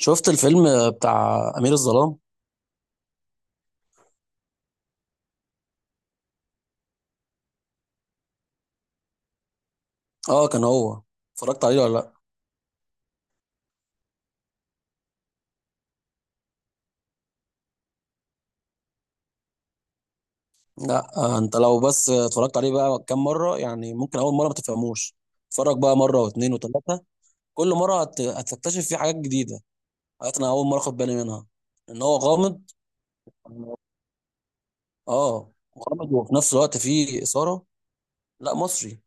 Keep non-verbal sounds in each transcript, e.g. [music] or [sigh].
شفت الفيلم بتاع أمير الظلام؟ اه كان هو. اتفرجت عليه ولا لا؟ لا آه، انت لو بس اتفرجت عليه بقى كام مرة، يعني ممكن أول مرة ما تفهموش. اتفرج بقى مرة واتنين وتلاتة. كل مرة هتكتشف فيه حاجات جديدة، حاجات أنا أول مرة أخد بالي منها، إن هو غامض. اه، غامض وفي نفس الوقت فيه إثارة. لا مصري.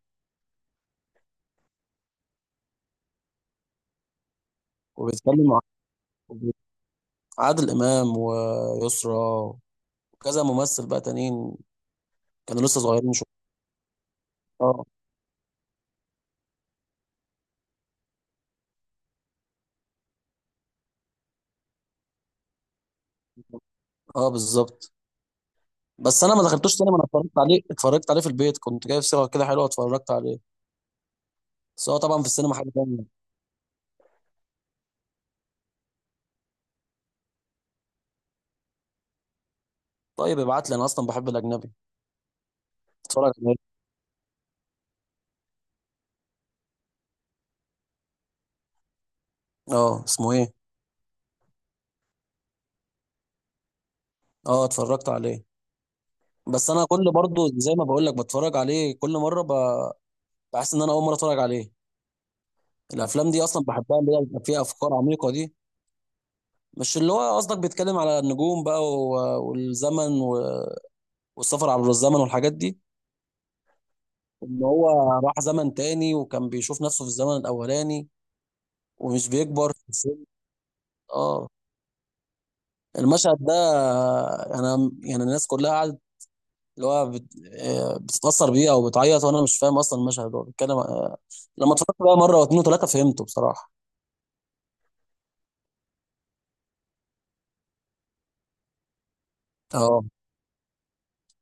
وبيتكلم عن عادل إمام ويسرا وكذا ممثل بقى تانيين، كانوا لسه صغيرين شوية. اه. اه بالظبط. بس انا ما دخلتوش سينما، انا اتفرجت عليه، اتفرجت عليه في البيت، كنت جايب صيغه كده حلوه اتفرجت عليه. بس هو طبعا في السينما حاجه تانية. طيب ابعت لي، انا اصلا بحب الاجنبي. اتفرج عليه. اه اسمه ايه. اه اتفرجت عليه. بس انا كل برضو زي ما بقول لك بتفرج عليه كل مره بحس ان انا اول مره اتفرج عليه. الافلام دي اصلا بحبها، اللي هي بيبقى فيها افكار عميقه دي. مش اللي هو قصدك بيتكلم على النجوم بقى والزمن والسفر عبر الزمن والحاجات دي. ان هو راح زمن تاني وكان بيشوف نفسه في الزمن الاولاني ومش بيكبر. اه. المشهد ده انا يعني الناس كلها قعدت، اللي هو بت... آه، بتتأثر بيه او بتعيط وانا مش فاهم اصلا المشهد هو بيتكلم لما اتفرجت بقى مره واتنين وتلاته فهمته بصراحه. اه.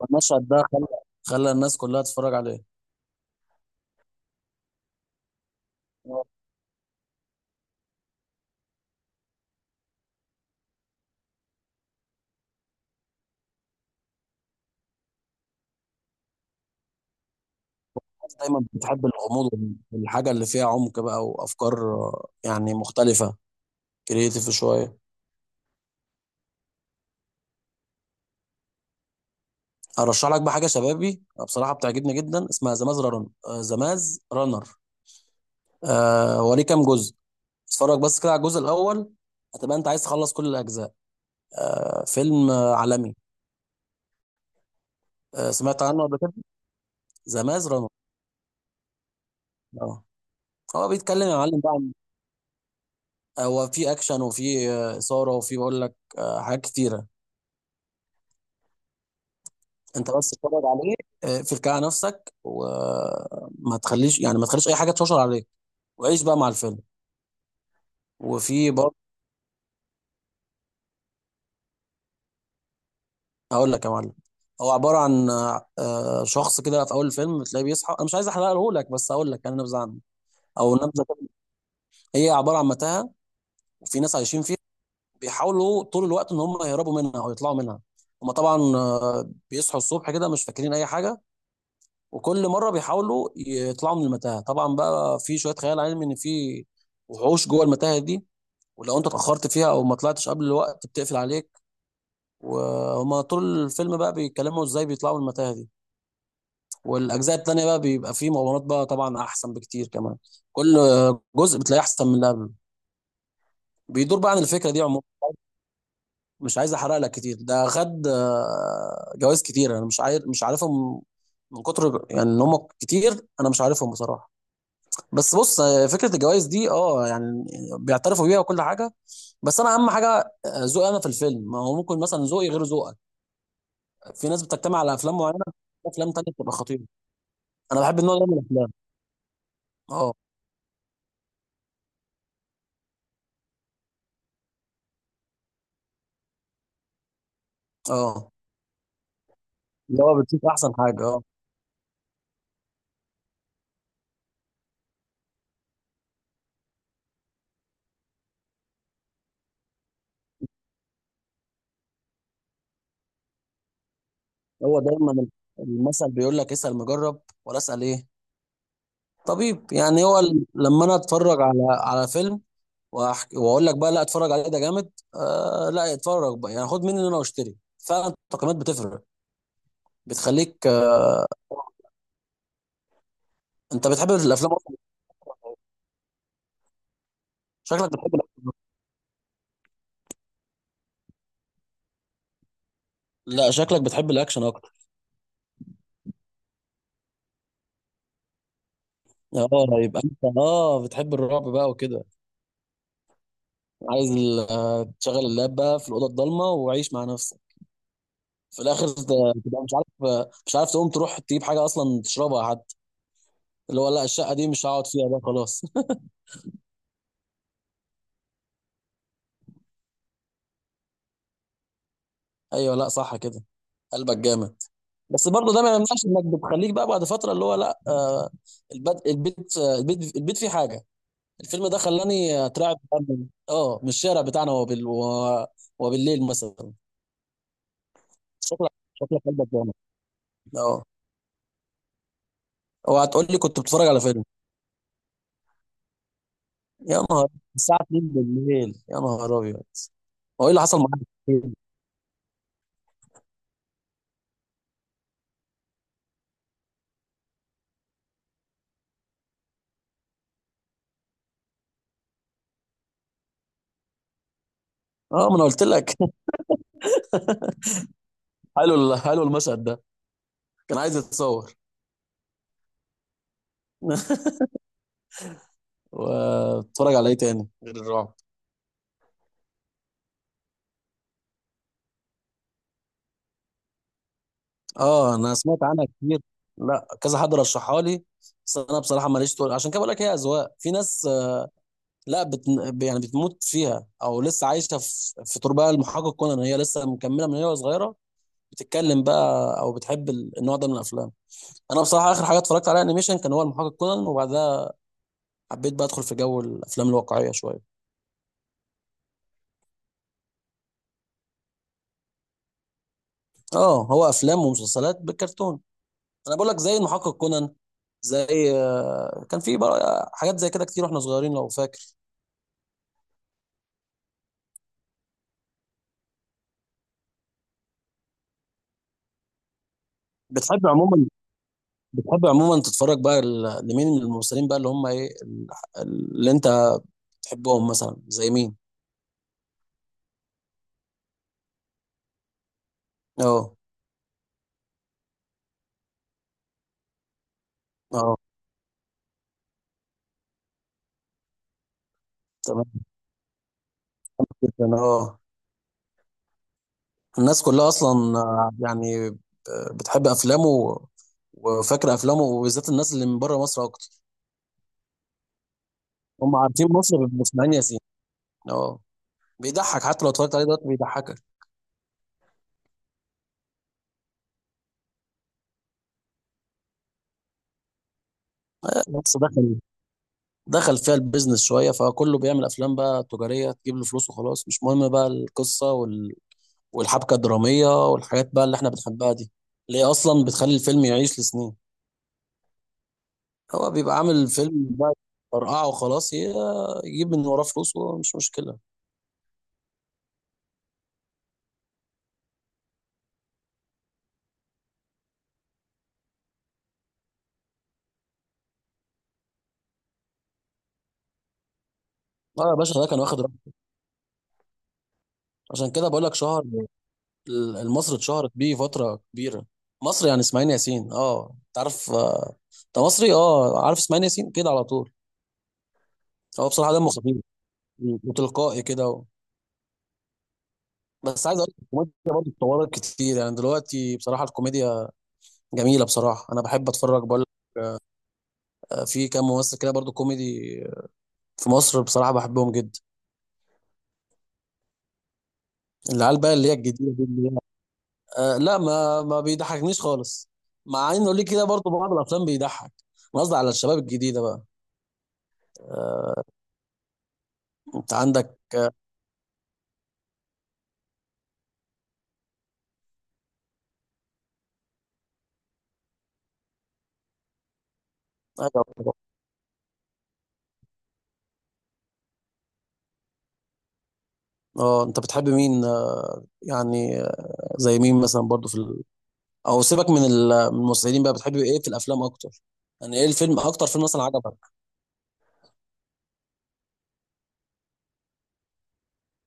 المشهد ده خلى الناس كلها تتفرج عليه. هو الناس دايما بتحب الغموض والحاجه اللي فيها عمق بقى وافكار يعني مختلفه، كريتيف شويه. ارشح لك بقى حاجه شبابي، بصراحه بتعجبني جدا، اسمها زماز رانر. وليه كام جزء. اتفرج بس كده على الجزء الاول، هتبقى انت عايز تخلص كل الاجزاء. آه فيلم عالمي. آه سمعت عنه قبل كده. ذا ماز رانر. اه. هو بيتكلم يا معلم بقى هو في اكشن وفي اثاره وفي بقول لك آه حاجات كتيره. انت بس اتفرج عليه، فك على نفسك وما تخليش، يعني ما تخليش اي حاجه تشوشر عليك، وعيش بقى مع الفيلم. وفي برضه هقول لك يا معلم. هو عباره عن شخص كده في اول الفيلم بتلاقيه بيصحى، انا مش عايز احرقه لك بس هقول لك انا نبذه عنه او نبذه كده. هي عباره عن متاهه وفي ناس عايشين فيها، بيحاولوا طول الوقت ان هم يهربوا منها او يطلعوا منها. هم طبعا بيصحوا الصبح كده مش فاكرين اي حاجه، وكل مره بيحاولوا يطلعوا من المتاهه. طبعا بقى في شويه خيال علمي، ان في وحوش جوه المتاهه دي، ولو انت اتاخرت فيها او ما طلعتش قبل الوقت بتقفل عليك. وهم طول الفيلم بقى بيتكلموا ازاي بيطلعوا من المتاهه دي. والاجزاء التانيه بقى بيبقى فيه مغامرات بقى طبعا احسن بكتير كمان، كل جزء بتلاقيه احسن من اللي قبله. بيدور بقى عن الفكره دي عموما. مش عايز احرق لك كتير، ده خد جوائز كتير، انا مش عارفهم من كتر، يعني ان هم كتير انا مش عارفهم بصراحه. بس بص فكره الجوائز دي اه يعني بيعترفوا بيها وكل حاجه. بس انا اهم حاجه ذوقي انا في الفيلم، ما هو ممكن مثلا ذوقي غير ذوقك. في ناس بتجتمع على افلام معينه، افلام تانية بتبقى خطيره. انا بحب النوع ده من الافلام. اه. اه اللي هو بتشوف احسن حاجه اه. هو دايما المثل بيقول لك اسال مجرب ولا اسال ايه، طبيب، يعني هو لما انا اتفرج على فيلم وأحكي واقول لك بقى لا اتفرج عليه ده جامد، آه لا اتفرج بقى، يعني خد مني ان انا واشتري فعلا، التقييمات بتفرق، بتخليك آه. انت بتحب الافلام أكتر. شكلك بتحب. لا شكلك بتحب الاكشن اكتر. اه يبقى انت اه بتحب الرعب بقى وكده، عايز تشغل اللاب بقى في الاوضه الضلمه وعيش مع نفسك، في الاخر تبقى مش عارف، مش عارف تقوم تروح تجيب حاجه اصلا تشربها حتى، اللي هو لا الشقه دي مش هقعد فيها بقى خلاص. [laughs] ايوه لا صح كده، قلبك جامد. بس برضه ده ما يمنعش انك بتخليك بقى بعد فتره اللي هو لا آه، البيت البيت فيه حاجه. الفيلم ده خلاني اترعب فعلاً. اه من الشارع بتاعنا وبالليل مثلا. شكلك شكلك قلبك جامد. اه. اوعى تقول لي كنت بتتفرج على فيلم. يا نهار، الساعه 2 بالليل، يا نهار ابيض. هو ايه اللي حصل معاك في الفيلم؟ اه ما انا قلت لك. [laughs] حلو حلو المشهد ده، كان عايز يتصور. [laughs] وبتتفرج على ايه تاني غير الرعب. اه انا سمعت عنها كتير، لا كذا حد رشحها لي، بس انا بصراحه ماليش تقول، عشان كده بقول لك هي اذواق، في ناس آه، لا بت... يعني بتموت فيها او لسه عايشه في تربه المحقق كونان، هي لسه مكمله من هي صغيره بتتكلم بقى او بتحب النوع ده من الافلام. انا بصراحه اخر حاجه اتفرجت عليها انيميشن كان هو المحقق كونان، وبعدها حبيت بقى ادخل في جو الافلام الواقعيه شويه. اه هو افلام ومسلسلات بالكرتون. انا بقول لك زي المحقق كونان، زي كان في بقى حاجات زي كده كتير واحنا صغيرين لو فاكر. بتحب عموما، بتحب عموما تتفرج بقى لمين من الممثلين بقى، اللي هم ايه اللي انت تحبهم مثلا زي مين. اه. اه. تمام. جدا اه. الناس كلها اصلا بتحب افلامه وفاكره افلامه، وبالذات الناس اللي من بره مصر اكتر هم عارفين مصر بيبقوا مسمعين ياسين. اه. بيضحك، حتى لو اتفرجت عليه دلوقتي بيضحكك. بس دخل فيها البيزنس شويه، فكله بيعمل افلام بقى تجاريه تجيب له فلوس وخلاص، مش مهم بقى القصه والحبكة الدرامية والحاجات بقى اللي احنا بنحبها دي، اللي هي أصلا بتخلي الفيلم يعيش لسنين. هو بيبقى عامل فيلم بقى فرقعه وخلاص يجيب من وراه فلوس ومش مشكلة. اه يا باشا، ده كان واخد رقم، عشان كده بقول لك شهر مصر، اتشهرت بيه فترة كبيرة مصر، يعني إسماعيل ياسين اه انت عارف انت مصري اه عارف إسماعيل ياسين كده على طول. هو بصراحة دمه خفيف وتلقائي كده و... بس عايز اقول لك الكوميديا برضه اتطورت كتير، يعني دلوقتي بصراحة الكوميديا جميلة بصراحة، أنا بحب أتفرج، بقول في كام ممثل كده برضو كوميدي في مصر بصراحة بحبهم جدا. العيال بقى اللي هي الجديدة دي، اللي هي آه لا ما بيضحكنيش خالص، مع انه ليه كده برضو بعض الافلام بيضحك. أنا قصدي على الشباب الجديدة بقى. آه. انت عندك. أيوة. اه انت بتحب مين آه، يعني زي مين مثلا برضو في او سيبك من الممثلين بقى، بتحب ايه في الافلام اكتر، يعني ايه الفيلم، اكتر فيلم مثلا عجبك.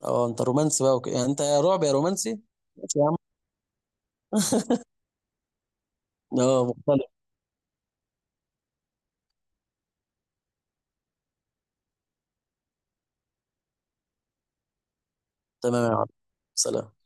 اه انت رومانسي بقى وكده، يعني انت يا رعب يا رومانسي. ماشي يا عم. اه مختلف. تمام يا عم، سلام.